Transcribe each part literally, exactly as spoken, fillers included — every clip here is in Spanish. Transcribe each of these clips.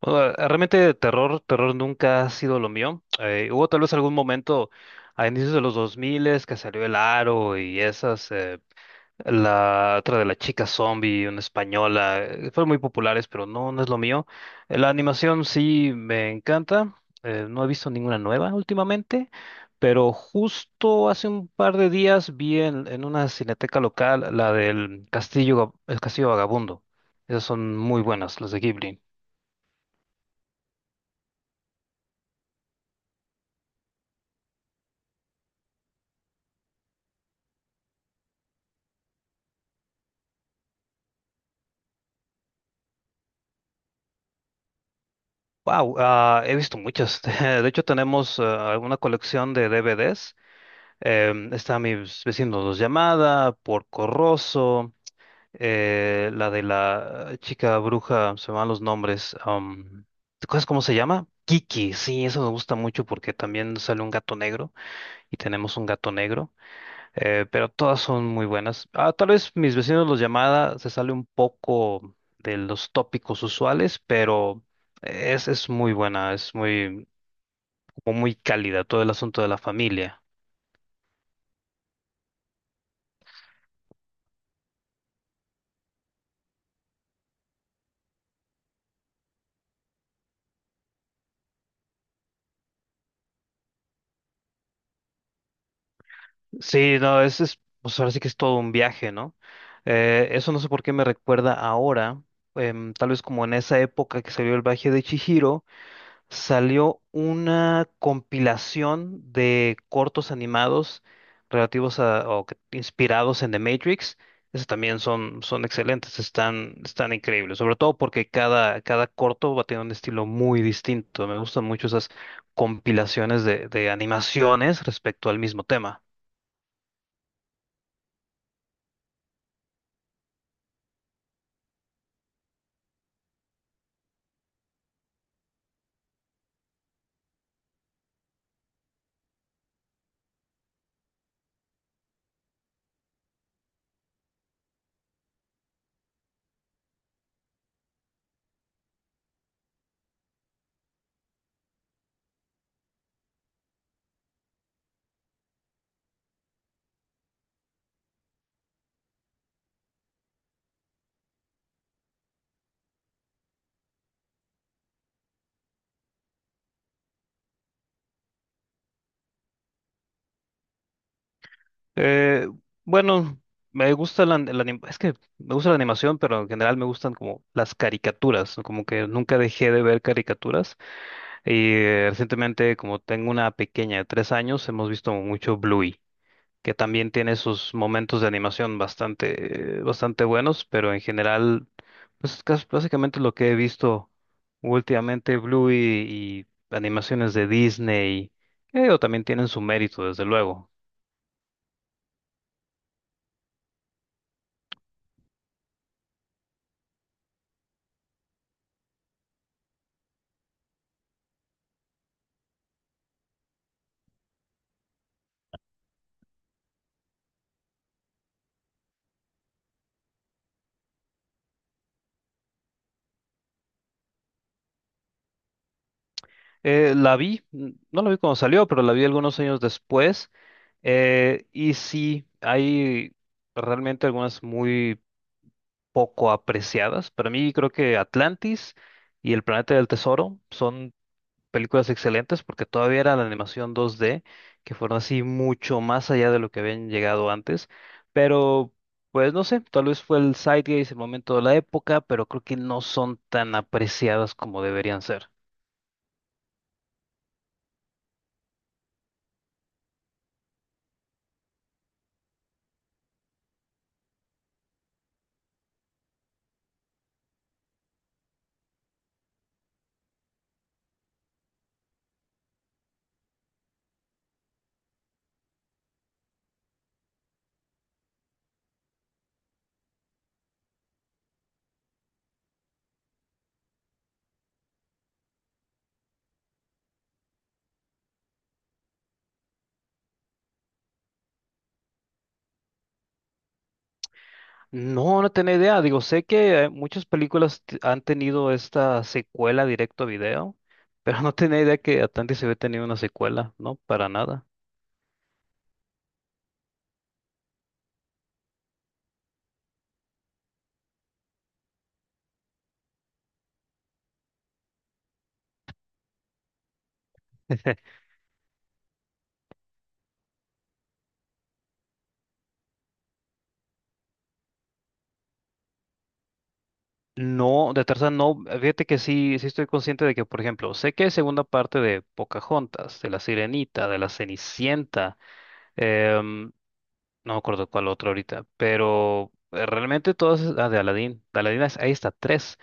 Bueno, realmente terror, terror nunca ha sido lo mío. Eh, hubo tal vez algún momento a inicios de los dos mil que salió El Aro y esas, eh, la otra de la chica zombie, una española, eh, fueron muy populares, pero no, no es lo mío. Eh, la animación sí me encanta, eh, no he visto ninguna nueva últimamente, pero justo hace un par de días vi en, en una cineteca local la del Castillo, Ga- El Castillo Vagabundo. Esas son muy buenas, las de Ghibli. Wow, ah, he visto muchas. De hecho, tenemos ah, una colección de D V Ds. Em, está Mis vecinos dos llamada, Porco Rosso, eh, la de la chica bruja, se me van los nombres. Am, ¿te acuerdas cómo se llama? Kiki, sí, eso me gusta mucho porque también sale un gato negro y tenemos un gato negro. Eh, pero todas son muy buenas. Ah, tal vez mis vecinos los llamada se sale un poco de los tópicos usuales, pero es, es muy buena, es muy, como muy cálida todo el asunto de la familia. Sí, no, es, es, pues ahora sí que es todo un viaje, ¿no? Eh, eso no sé por qué me recuerda ahora, em, tal vez como en esa época que salió el viaje de Chihiro. Salió una compilación de cortos animados relativos a, o que- inspirados en The Matrix. Esos también son, son excelentes, están, están increíbles, sobre todo porque cada, cada corto va a tener un estilo muy distinto. Me gustan mucho esas compilaciones de, de animaciones respecto al mismo tema. Eh, bueno, me gusta la, la anim- es que me gusta la animación, pero en general me gustan como las caricaturas, ¿no? Como que nunca dejé de ver caricaturas. Y eh, recientemente, como tengo una pequeña de tres años, hemos visto mucho Bluey, que también tiene sus momentos de animación bastante, eh, bastante buenos, pero en general, pues es casi- básicamente lo que he visto últimamente, Bluey y animaciones de Disney, que digo, también tienen su mérito, desde luego. Eh, la vi, n- no la vi cuando salió, pero la vi algunos años después, eh, y sí, hay realmente algunas muy poco apreciadas. Para mí creo que Atlantis y El Planeta del Tesoro son películas excelentes porque todavía era la animación dos D, que fueron así mucho más allá de lo que habían llegado antes. Pero, pues no sé, tal vez fue el zeitgeist, el momento de la época, pero creo que no son tan apreciadas como deberían ser. No, no tenía idea. Digo, sé que eh, muchas películas t- han tenido esta secuela directo a video, pero no tenía idea que Atlantis se había tenido una secuela, ¿no? Para nada. No, de Tarzán no, fíjate que sí, sí estoy consciente de que, por ejemplo, sé que hay segunda parte de Pocahontas, de La Sirenita, de La Cenicienta, em, no me acuerdo cuál otro ahorita, pero eh, realmente todas, ah, de Aladdin, de Aladdin es- ahí está, tres,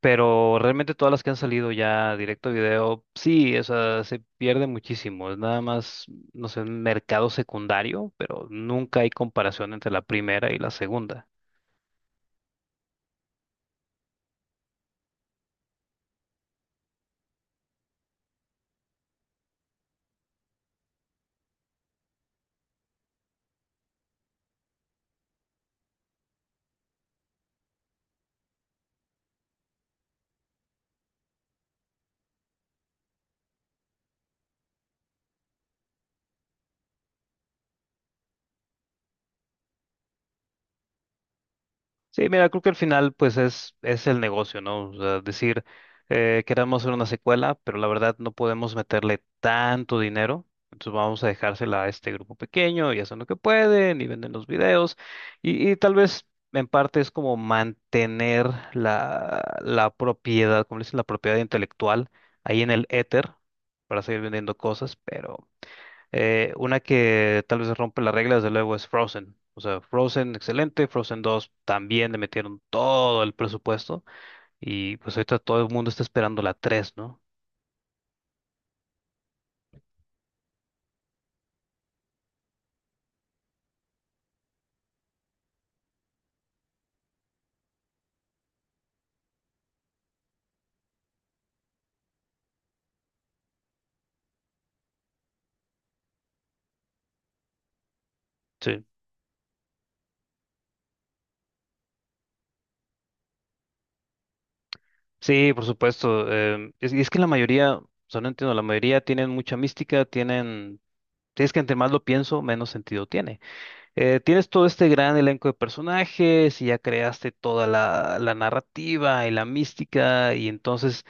pero realmente todas las que han salido ya directo a video, sí, o sea, se pierde muchísimo, es nada más, no sé, un mercado secundario, pero nunca hay comparación entre la primera y la segunda. Sí, mira, creo que al final pues es, es el negocio, ¿no? O sea, decir, eh, queremos hacer una secuela, pero la verdad no podemos meterle tanto dinero, entonces vamos a dejársela a este grupo pequeño y hacen lo que pueden y venden los videos y, y tal vez en parte es como mantener la, la propiedad, como le dicen, la propiedad intelectual ahí en el éter para seguir vendiendo cosas, pero... Eh, una que tal vez rompe las reglas, de luego, es Frozen. O sea, Frozen, excelente. Frozen dos también le metieron todo el presupuesto. Y pues ahorita todo el mundo está esperando la tres, ¿no? Sí. Sí, por supuesto. Em, es, y es que la mayoría, o sea, no entiendo, la mayoría tienen mucha mística, tienen. Si Es que entre más lo pienso, menos sentido tiene. Eh, tienes todo este gran elenco de personajes y ya creaste toda la, la narrativa y la mística, y entonces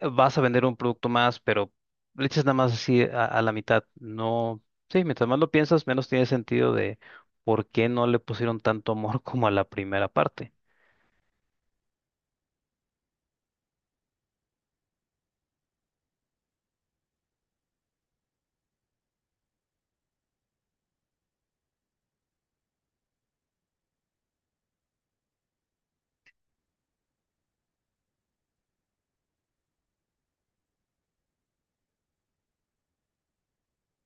vas a vender un producto más, pero le echas nada más así a, a la mitad. No, sí, mientras más lo piensas, menos tiene sentido de por qué no le pusieron tanto amor como a la primera parte.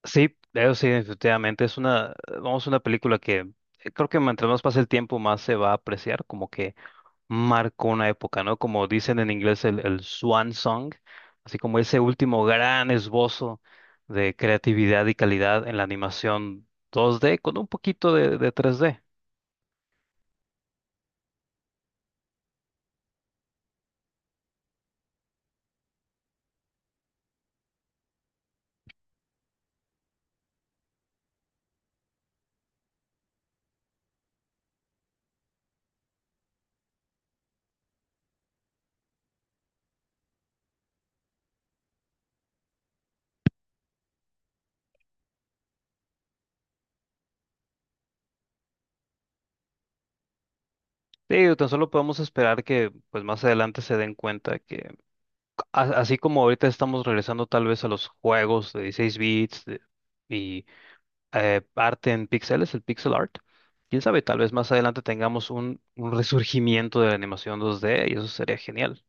Sí, eso sí, definitivamente es una, vamos, una película que eh, creo que mientras más pasa el tiempo, más se va a apreciar, como que marcó una época, ¿no? Como dicen en inglés el, el Swan Song, así como ese último gran esbozo de creatividad y calidad en la animación dos D con un poquito de de tres D. Sí, o tan solo podemos esperar que pues más adelante se den cuenta que a- así como ahorita estamos regresando tal vez a los juegos de dieciséis bits de- Y eh, arte en píxeles, el pixel art, quién sabe, tal vez más adelante tengamos un, un resurgimiento de la animación dos D y eso sería genial.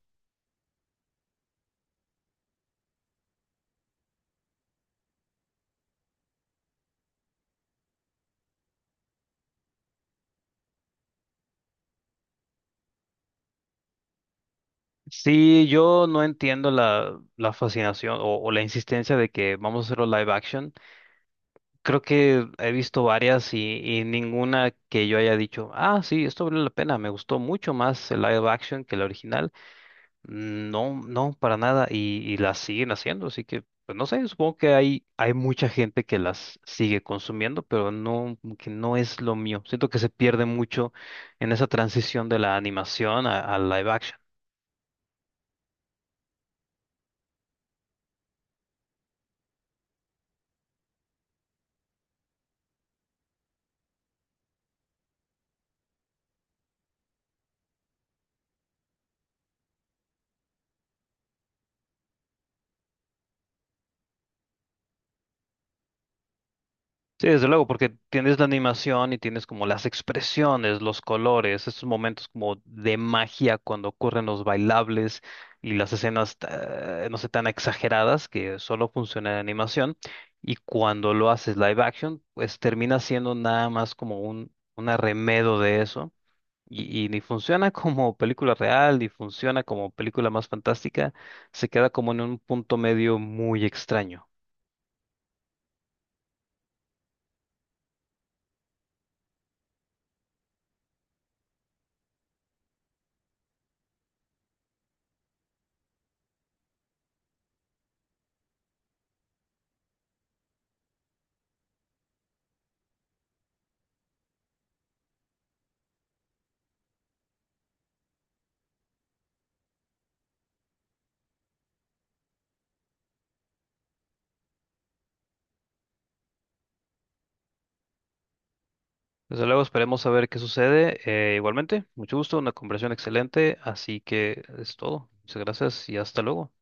Sí, yo no entiendo la, la fascinación o, o la insistencia de que vamos a hacerlo live action. Creo que he visto varias y, y ninguna que yo haya dicho, ah, sí, esto vale la pena, me gustó mucho más el live action que el original. No, no, para nada, y, y las siguen haciendo, así que, pues no sé, supongo que hay, hay mucha gente que las sigue consumiendo, pero no, como que no es lo mío. Siento que se pierde mucho en esa transición de la animación a, al live action. Sí, desde luego, porque tienes la animación y tienes como las expresiones, los colores, esos momentos como de magia cuando ocurren los bailables y las escenas, eh, no sé, tan exageradas que solo funciona en animación. Y cuando lo haces live action, pues termina siendo nada más como un, un arremedo de eso. Y, y ni funciona como película real, ni funciona como película más fantástica. Se queda como en un punto medio muy extraño. Desde luego esperemos a ver qué sucede. Eh, igualmente, mucho gusto, una conversación excelente, así que es todo. Muchas gracias y hasta luego.